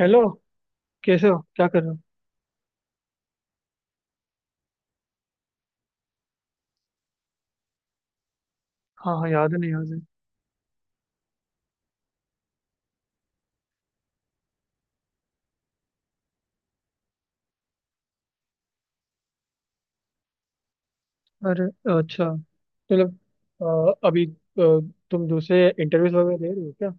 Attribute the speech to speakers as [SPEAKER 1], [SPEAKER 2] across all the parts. [SPEAKER 1] Hello. कैसे हो? क्या कर रहे हो? हाँ हाँ, याद है। नहीं, याद है। अरे, अच्छा, मतलब अभी तुम दूसरे इंटरव्यूज वगैरह दे रहे हो क्या?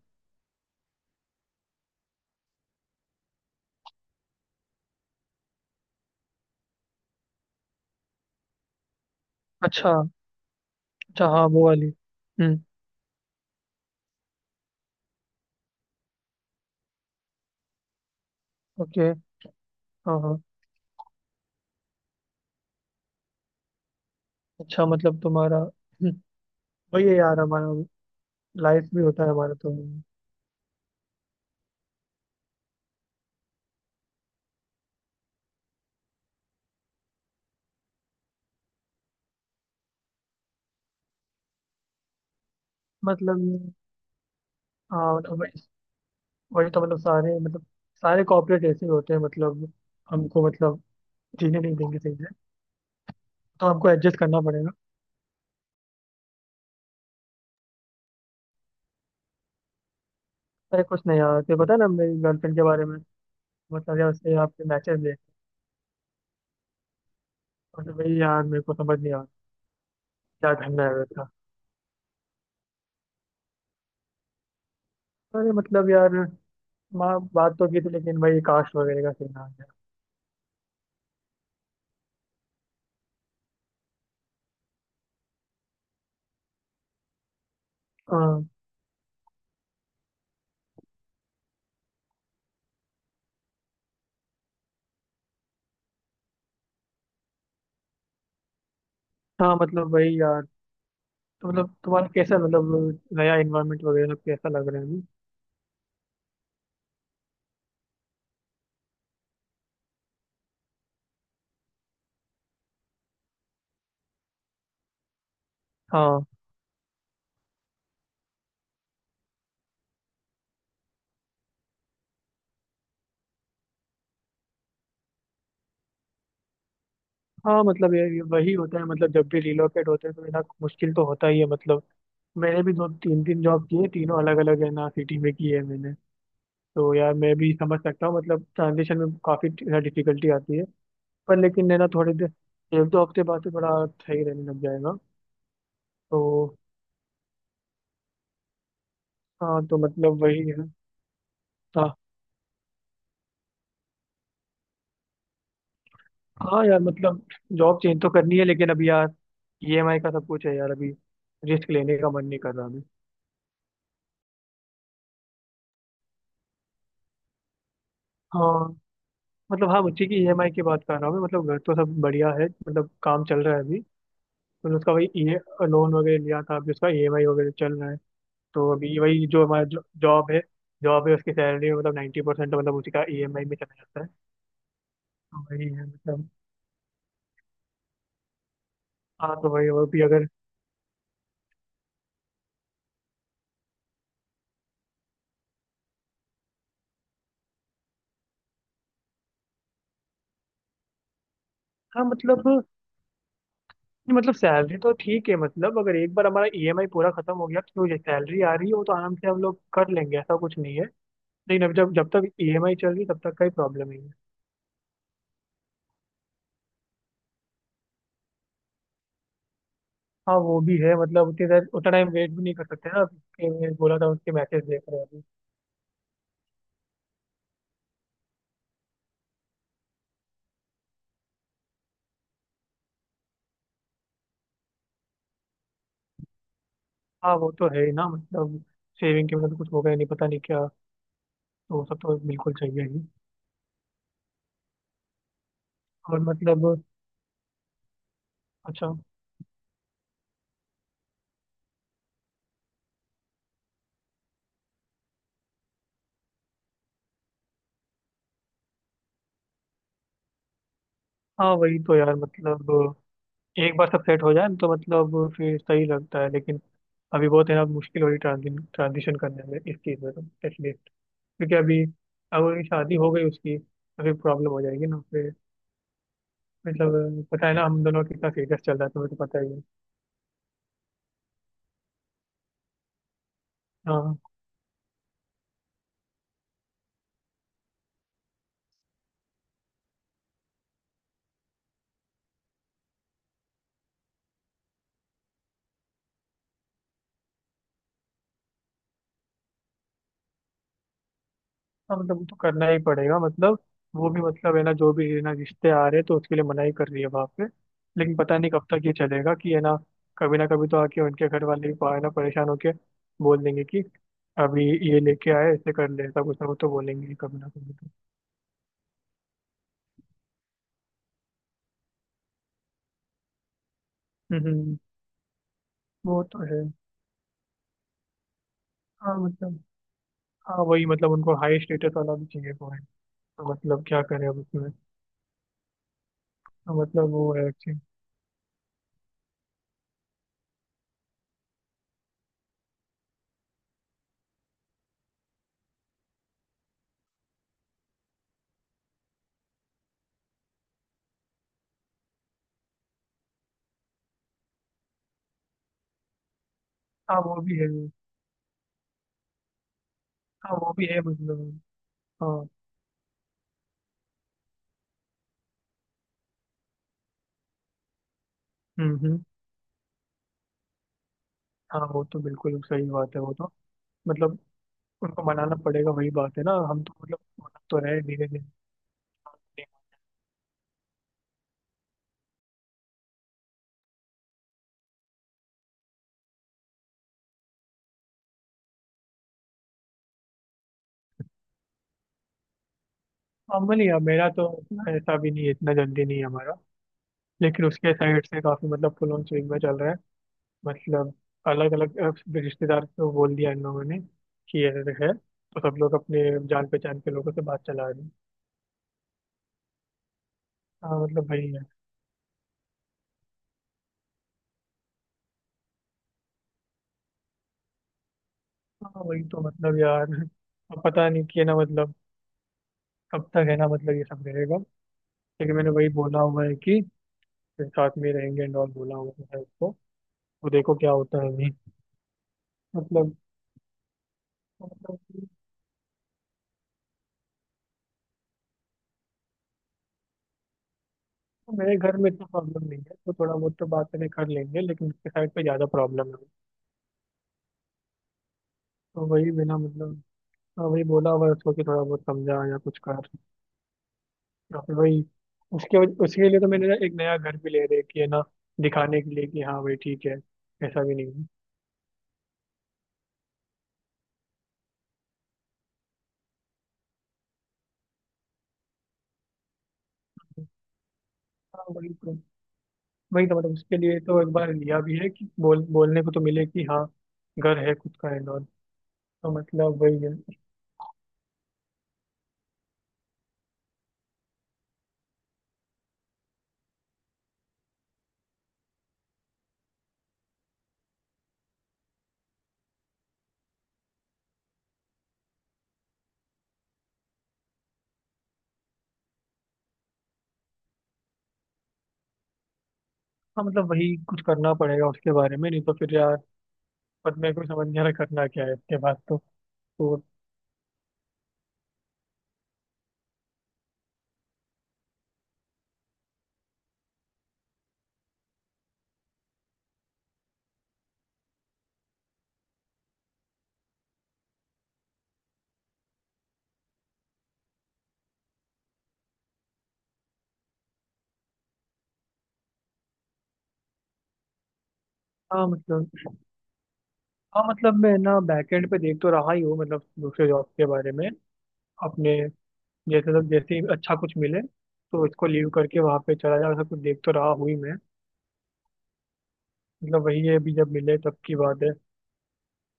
[SPEAKER 1] अच्छा। अच्छा, हाँ वो वाली। हम्म। ओके। हाँ हाँ। अच्छा, मतलब तुम्हारा वही है यार हमारा। लाइफ भी होता है हमारा, तो मतलब ये, हाँ मतलब वही। वही तो, मतलब सारे, मतलब सारे कॉर्पोरेट ऐसे ही होते हैं, मतलब हमको, मतलब जीने नहीं देंगे सही से। तो हमको एडजस्ट करना पड़ेगा। अरे कुछ नहीं यार, तुझे पता है ना मेरी गर्लफ्रेंड के बारे में। मतलब यार, उससे आपके मैचेस देख। मतलब भाई यार, मेरे को समझ नहीं आ रहा क्या करना है वैसा। अरे मतलब यार, माँ बात तो की थी लेकिन भाई कास्ट वगैरह का सीन आ गया। हाँ हाँ, मतलब भाई यार। तो मतलब तुम्हारा कैसा, मतलब नया इन्वायरमेंट वगैरह सब कैसा लग रहा है अभी? हाँ हाँ, मतलब ये वही होता है, मतलब जब भी रिलोकेट होते हैं तो इतना मुश्किल तो होता ही है मतलब। मैंने भी दो तीन तीन जॉब की है, तीनों अलग अलग है ना सिटी में की है मैंने। तो यार मैं भी समझ सकता हूँ, मतलब ट्रांजिशन में काफ़ी डिफिकल्टी आती है। पर लेकिन है ना, थोड़ी देर, एक दो हफ्ते बाद से बड़ा सही रहने लग जाएगा तो। हाँ तो मतलब वही है। हाँ हाँ यार, मतलब जॉब चेंज तो करनी है लेकिन अभी यार, ईएमआई का सब कुछ है यार अभी। रिस्क लेने का मन नहीं कर रहा अभी। हाँ मतलब, हाँ बच्चे की ईएमआई की बात कर रहा हूँ मैं, मतलब घर तो सब बढ़िया है, मतलब काम चल रहा है अभी। तो उसका वही ई लोन वगैरह लिया था, अभी उसका ईएमआई वगैरह चल रहा है। तो अभी वही जो हमारा जॉब है, उसकी सैलरी में मतलब 90% मतलब उसी का ईएमआई में चला जाता है। तो वही है मतलब। हाँ तो वही और भी अगर, हाँ मतलब नहीं, मतलब सैलरी तो ठीक है, मतलब अगर एक बार हमारा ईएमआई पूरा खत्म हो गया तो जो सैलरी आ रही हो तो आराम से हम लोग कर लेंगे, ऐसा कुछ नहीं है। लेकिन अब जब जब तक ईएमआई चल रही है, तब तक का ही प्रॉब्लम नहीं है। हाँ वो भी है, मतलब उतनी देर उतना टाइम वेट भी नहीं कर सकते ना, उसके मैंने बोला था उसके मैसेज देख रहे हैं अभी। हाँ वो तो है ही ना, मतलब सेविंग के मतलब कुछ हो गया, नहीं पता नहीं क्या, तो वो सब तो बिल्कुल चाहिए ही। और मतलब, अच्छा। हाँ वही तो यार, मतलब एक बार सब सेट हो जाए तो मतलब फिर सही लगता है, लेकिन अभी बहुत है ना, मुश्किल हो रही ट्रांजिशन करने में, इस चीज़ में तो एटलीस्ट। क्योंकि अभी अगर शादी हो गई उसकी तो फिर प्रॉब्लम हो जाएगी ना फिर। मतलब पता है ना हम दोनों कितना सीरियस चल रहा है, तुम्हें तो पता ही है। हाँ हाँ, मतलब वो तो करना ही पड़ेगा, मतलब वो भी, मतलब है ना, जो भी है ना, रिश्ते आ रहे हैं तो उसके लिए मनाही कर रही है वहाँ पे। लेकिन पता नहीं कब तक ये चलेगा कि, है ना, कभी ना कभी तो आके उनके घर वाले भी है ना परेशान होके बोल देंगे कि अभी ये लेके आए, ऐसे कर ले, ऐसा कुछ ना कुछ तो बोलेंगे ही कभी ना कभी तो। हम्म, वो तो है। हाँ मतलब, हाँ वही मतलब उनको हाई स्टेटस वाला भी चाहिए वो है, तो मतलब क्या करें अब उसमें। तो मतलब वो है हाँ वो भी है। हाँ वो भी है मतलब, हाँ। हम्म। हाँ वो तो बिल्कुल सही बात है वो तो, मतलब उनको मनाना पड़ेगा वही बात है ना, हम तो मतलब मना तो रहे धीरे धीरे। नॉर्मली है मेरा तो, ऐसा भी नहीं है, इतना जल्दी नहीं है हमारा। लेकिन उसके साइड से काफी मतलब फुल ऑन स्विंग में चल रहा है, मतलब अलग अलग रिश्तेदार को बोल दिया इन लोगों ने कि ऐसे ऐसे है, तो सब लोग अपने जान पहचान के लोगों से बात चला रहे हैं। हाँ मतलब वही है। हाँ वही तो मतलब यार, अब पता नहीं कि है ना, मतलब कब तक है ना, मतलब ये सब रहेगा। लेकिन मैंने वही बोला हुआ है कि साथ में रहेंगे एंड ऑल, बोला हुआ है उसको। तो देखो क्या होता है अभी, मतलब। मतलब कि मेरे घर में इतना प्रॉब्लम नहीं है, तो थोड़ा बहुत तो बातें कर लेंगे, लेकिन उसके साइड पे ज़्यादा प्रॉब्लम है। तो वही बिना मतलब, हाँ, वही बोला हुआ है उसको कि थोड़ा बहुत समझा या कुछ कर, या फिर वही उसके लिए तो मैंने ना एक नया घर भी ले रखी है ना, दिखाने के लिए कि हाँ भाई ठीक है, ऐसा भी नहीं है। हाँ वही तो, वही तो मतलब उसके लिए तो एक बार लिया भी है कि बोलने को तो मिले कि हाँ घर है खुद का एंड ऑल। तो मतलब वही है। हाँ मतलब वही कुछ करना पड़ेगा उसके बारे में, नहीं तो फिर यार पर मेरे को समझ नहीं आ रहा करना क्या है इसके बाद तो। तो हाँ मतलब, हाँ मतलब मैं ना बैकएंड पे देख तो रहा ही हूँ, मतलब दूसरे जॉब के बारे में अपने। जैसे तो जैसे ही अच्छा कुछ मिले तो इसको लीव करके वहाँ पे चला जाऊँ, ऐसा कुछ देख तो रहा हुई मैं। मतलब वही है, अभी जब मिले तब की बात है,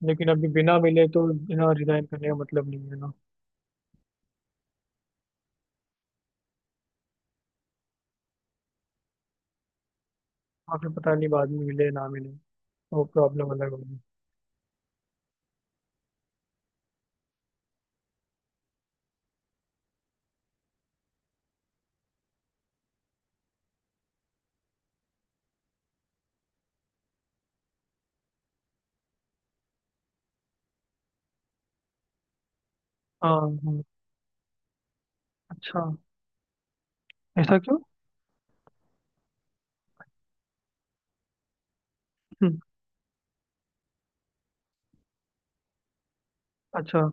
[SPEAKER 1] लेकिन अभी बिना मिले तो ना रिजाइन करने का मतलब नहीं है ना। वहाँ पे पता नहीं बाद में मिले ना मिले, वो प्रॉब्लम अलग होगी। हाँ हाँ, अच्छा ऐसा क्यों? हम्म, अच्छा।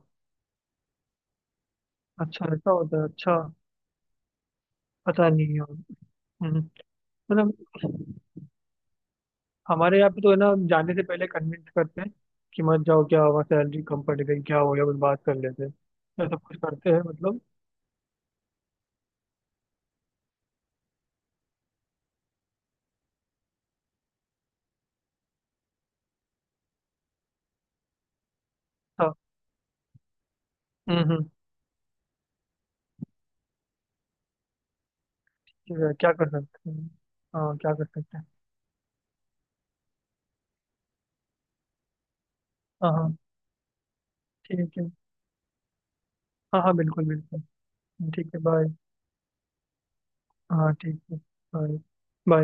[SPEAKER 1] अच्छा ऐसा होता है, अच्छा। पता नहीं यार। हम्म, मतलब हमारे यहाँ पे तो है ना जाने से पहले कन्विंस करते हैं कि मत जाओ, क्या हुआ, सैलरी कम पड़ गई, क्या हो गया, कुछ बात कर लेते हैं, ये सब कुछ करते हैं मतलब। हाँ। हम्म। ठीक है, क्या कर सकते हैं। हाँ क्या कर सकते हैं। हाँ हाँ ठीक है। हाँ हाँ, बिल्कुल बिल्कुल। ठीक है, बाय। हाँ ठीक है। बाय। बाय।